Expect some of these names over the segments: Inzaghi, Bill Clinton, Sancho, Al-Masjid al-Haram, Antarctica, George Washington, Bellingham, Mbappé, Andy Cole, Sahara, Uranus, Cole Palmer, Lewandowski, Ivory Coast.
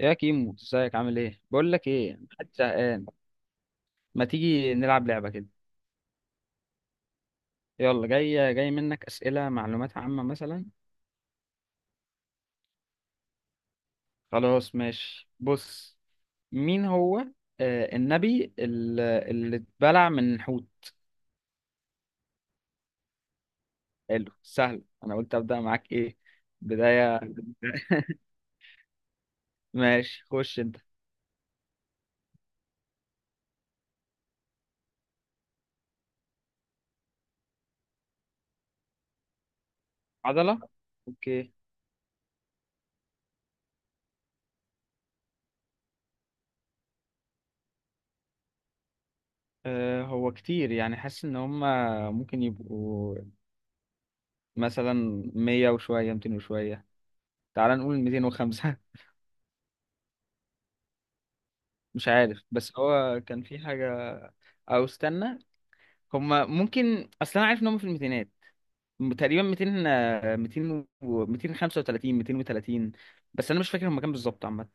يا كيمو، ازيك عامل ايه؟ بقول لك ايه، محدش زهقان؟ ما تيجي نلعب لعبه كده؟ يلا، جاي جاي منك اسئله معلومات عامه مثلا. خلاص ماشي، بص. مين هو النبي اللي اتبلع من الحوت؟ حلو، سهل. انا قلت ابدا معاك ايه، بدايه؟ ماشي، خش انت. عضله. اوكي. هو كتير يعني، حاسس ان هما ممكن يبقوا مثلا 100 وشويه، 200 وشويه. تعال نقول 205. مش عارف، بس هو كان في حاجة. أو استنى، هما ممكن. أصل أنا عارف إن هما في الميتينات. تقريبا 200، 200 و 235، 230. بس أنا مش فاكر هما كام بالظبط، عامة.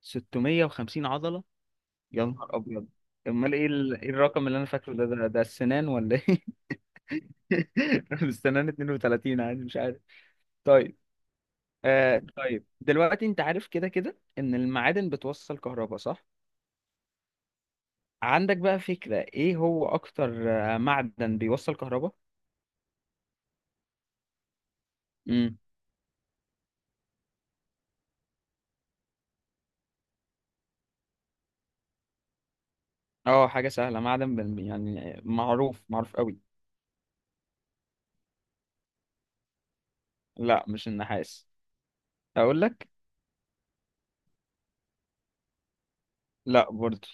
650 عضلة؟ يا نهار أبيض. أمال إيه إيه الرقم اللي أنا فاكره ده السنان ولا إيه؟ السنان 32 عادي، مش عارف. طيب. آه طيب، دلوقتي أنت عارف كده كده إن المعادن بتوصل كهرباء، صح؟ عندك بقى فكرة إيه هو أكتر معدن بيوصل كهرباء؟ امم. اه، حاجة سهلة. معدن يعني معروف معروف قوي. لا، مش النحاس. اقول لك. لا برضه.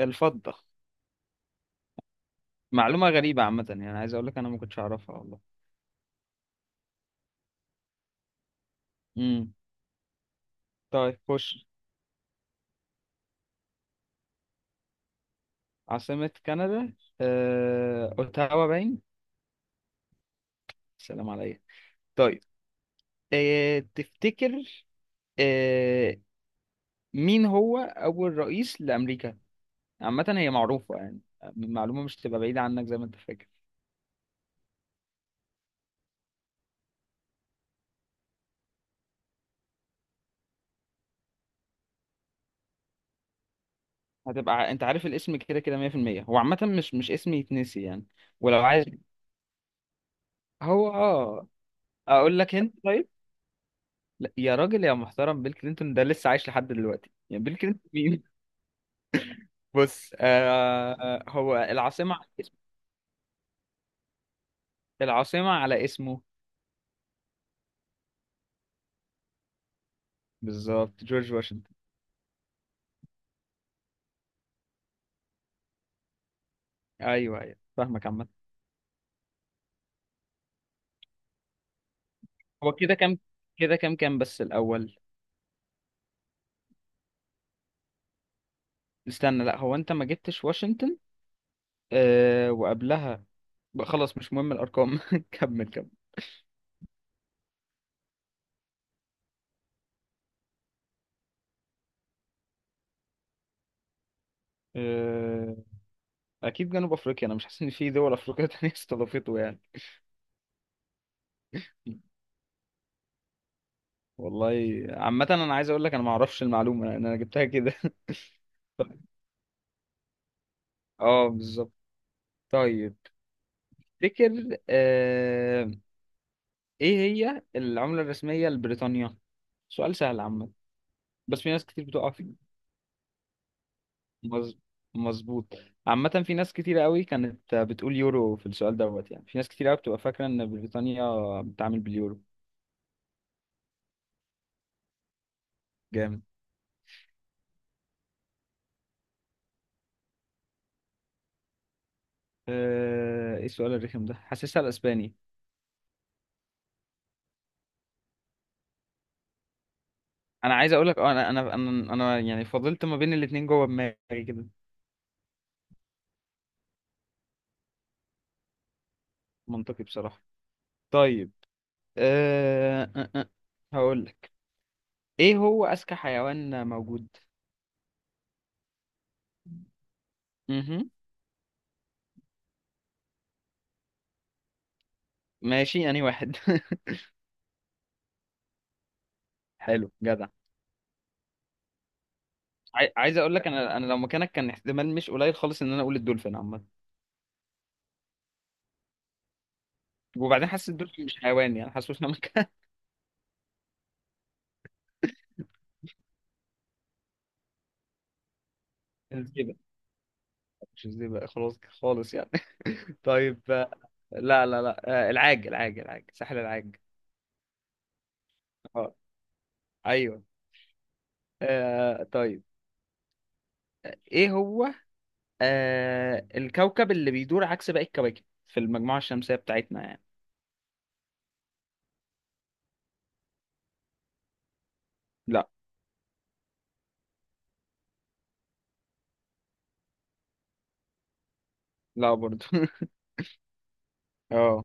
الفضة. معلومة غريبة عامة، يعني عايز اقول لك انا ما كنتش اعرفها والله. امم. طيب خش. عاصمة كندا. اوتاوا باين. سلام عليك. طيب. تفتكر آه... مين هو اول رئيس لامريكا؟ عامة هي معروفة يعني، معلومة مش تبقى بعيدة عنك زي ما انت فاكر. هتبقى انت عارف الاسم كده كده 100%. هو عامة مش اسم يتنسي يعني. ولو عايز. هو اقول لك انت، طيب. لا يا راجل يا محترم، بيل كلينتون ده لسه عايش لحد دلوقتي يعني. بيل كلينتون مين؟ بص، هو العاصمة على اسمه. العاصمة على اسمه. بالظبط، جورج واشنطن. ايوه ايوه، فاهمك عامة. هو كده كام؟ كده كام بس الاول. استنى، لا هو انت ما جبتش واشنطن. آه، وقبلها بقى، خلاص مش مهم الارقام. كمل. كمل. اكيد جنوب افريقيا، انا مش حاسس ان في دول افريقيه تانية استضافته يعني. والله عامه، انا عايز اقول لك انا ما اعرفش المعلومه، لان انا جبتها كده. اه بالظبط. طيب، تفتكر ايه هي العمله الرسميه لبريطانيا؟ سؤال سهل عامه، بس في ناس كتير بتقع فيه. مظ- مظبوط. عامه في ناس كتير قوي كانت بتقول يورو في السؤال دوت، يعني في ناس كتير قوي بتبقى فاكره ان بريطانيا بتتعامل باليورو. جامد. ايه السؤال الرخم ده، حاسسها الاسباني. انا عايز اقول لك، انا انا انا أنا يعني فضلت ما بين الاتنين جوه دماغي كده. منطقي بصراحة. طيب. أه... أه... أه. هقول لك ايه هو اذكى حيوان موجود. امم. ماشي، انهي واحد؟ حلو جدع. عايز اقول لك انا لو مكانك كان احتمال مش قليل خالص ان انا اقول الدولفين عامة. وبعدين حاسس الدولفين مش حيوان يعني، حاسس ان أنا مكان. الزيبق. مش الزيبق، خلاص خالص يعني. طيب لا لا لا، العاج العاج العاج، ساحل العاج. اه ايوه. آه طيب. ايه هو الكوكب اللي بيدور عكس باقي الكواكب في المجموعة الشمسية بتاعتنا يعني؟ لا. لا برضو. اه.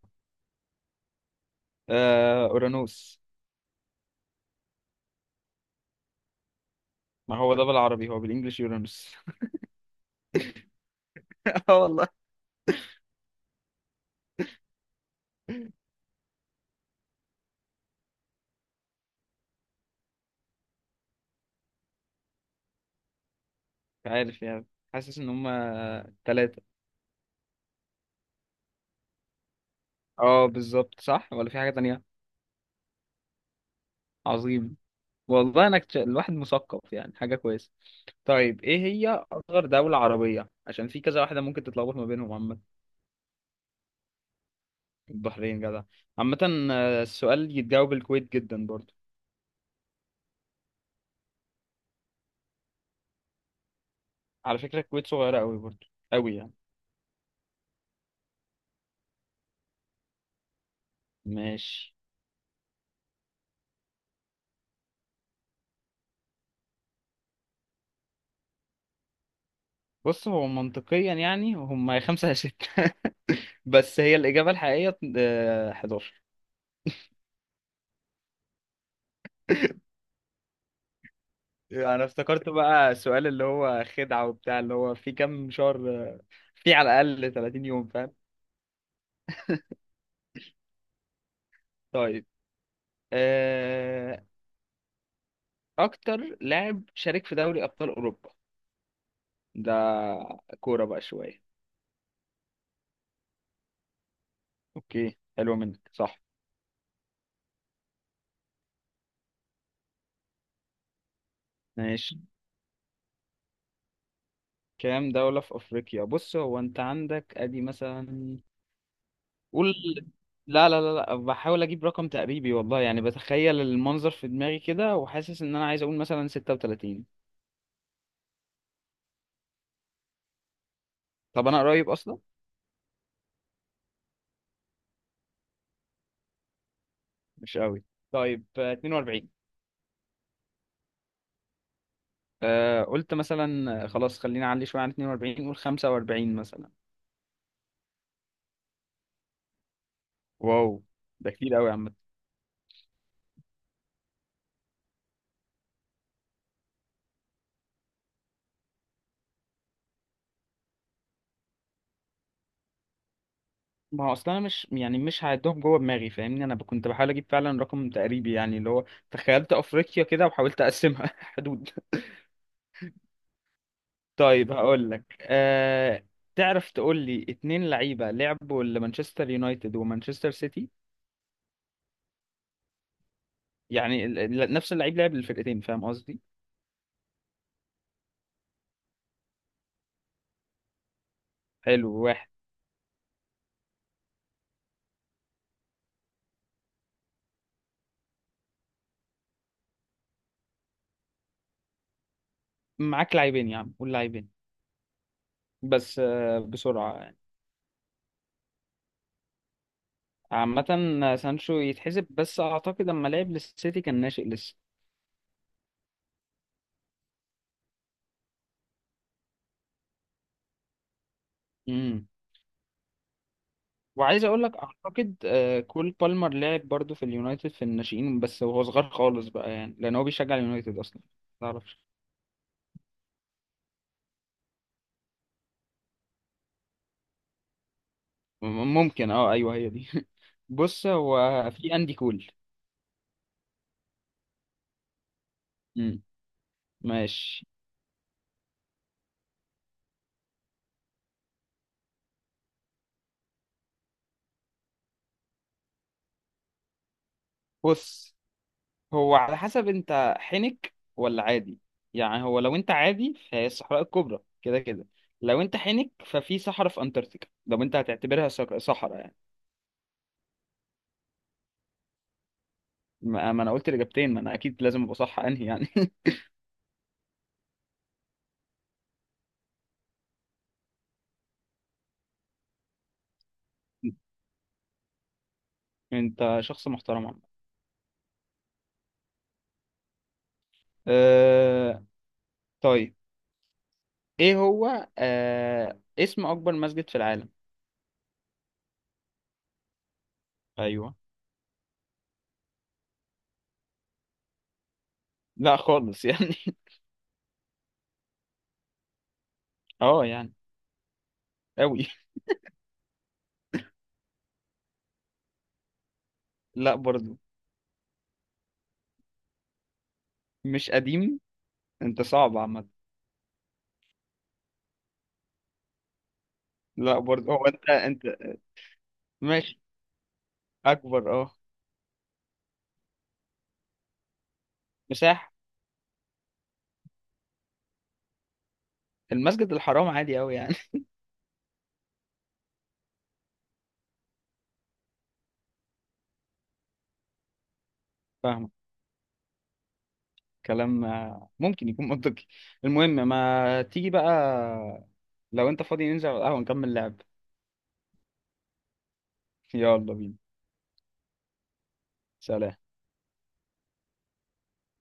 اورانوس. ما هو ده بالعربي، هو بالانجلش يورانوس. اه والله. مش عارف يعني، حاسس ان هما ثلاثة. اه بالظبط، صح. ولا في حاجة تانية؟ عظيم. والله انا الواحد مثقف، يعني حاجة كويسة. طيب ايه هي اصغر دولة عربية عشان في كذا واحدة ممكن تتلخبط ما بينهم، عامة؟ البحرين جدع. عامة السؤال يتجاوب الكويت جدا برضو. على فكرة الكويت صغيرة أوي برضه. أوي يعني. ماشي. بص هو منطقيا يعني هم يا خمسة يا ستة. بس هي الإجابة الحقيقية 11. أنا افتكرت بقى السؤال اللي هو خدعة وبتاع، اللي هو في كام شهر في على الأقل 30 يوم، فاهم. طيب آه، أكتر لاعب شارك في دوري أبطال أوروبا. ده كورة بقى شوية. أوكي، حلوة منك، صح. ماشي. كام دولة في أفريقيا؟ بص هو أنت عندك أدي مثلا. قول. لا لا لا لا، بحاول اجيب رقم تقريبي والله. يعني بتخيل المنظر في دماغي كده، وحاسس ان انا عايز اقول مثلا 36. طب انا قريب اصلا. مش قوي؟ طيب 42. قلت مثلا، خلاص خلينا اعلي شويه عن 42، قول 45 مثلا. واو، ده كتير قوي يا عم. ما هو اصلا انا مش يعني مش هعدهم جوه دماغي فاهمني، انا كنت بحاول اجيب فعلا رقم تقريبي يعني اللي هو، تخيلت افريقيا كده وحاولت اقسمها حدود. طيب هقول لك تعرف تقول لي اتنين لعيبة لعبوا لمانشستر يونايتد ومانشستر سيتي؟ يعني نفس اللعيب لعب للفرقتين، فاهم قصدي؟ حلو، واحد. معاك لاعبين يا عم، قول لاعبين، بس بسرعة يعني. عامة سانشو يتحسب، بس أعتقد أما لعب للسيتي كان ناشئ لسه. امم. وعايز أقول لك أعتقد كول بالمر لعب برضو في اليونايتد في الناشئين بس، وهو صغير خالص بقى يعني، لأن هو بيشجع اليونايتد أصلا. تعرف. م- ممكن، اه ايوه هي دي. بص هو في اندي كول. امم. ماشي. بص هو على حسب انت حنك ولا عادي. يعني هو لو انت عادي فهي الصحراء الكبرى كده كده. لو انت حنك ففي صحراء في انتاركتيكا، لو انت هتعتبرها صحراء يعني. ما انا قلت الاجابتين، ما انا اكيد لازم ابقى صح انهي يعني. انت شخص محترم، عم. أه... طيب، ايه هو اسم اكبر مسجد في العالم؟ ايوه. لا خالص يعني. اه يعني أوي. لا برضو. مش قديم. أنت صعب عامة. لا برضو هو أنت. ماشي، أكبر مساحة. المسجد الحرام، عادي أوي يعني. فاهمة كلام، ممكن يكون منطقي. المهم ما تيجي بقى، لو أنت فاضي ننزل على القهوة نكمل لعب. يلا بينا. سلام.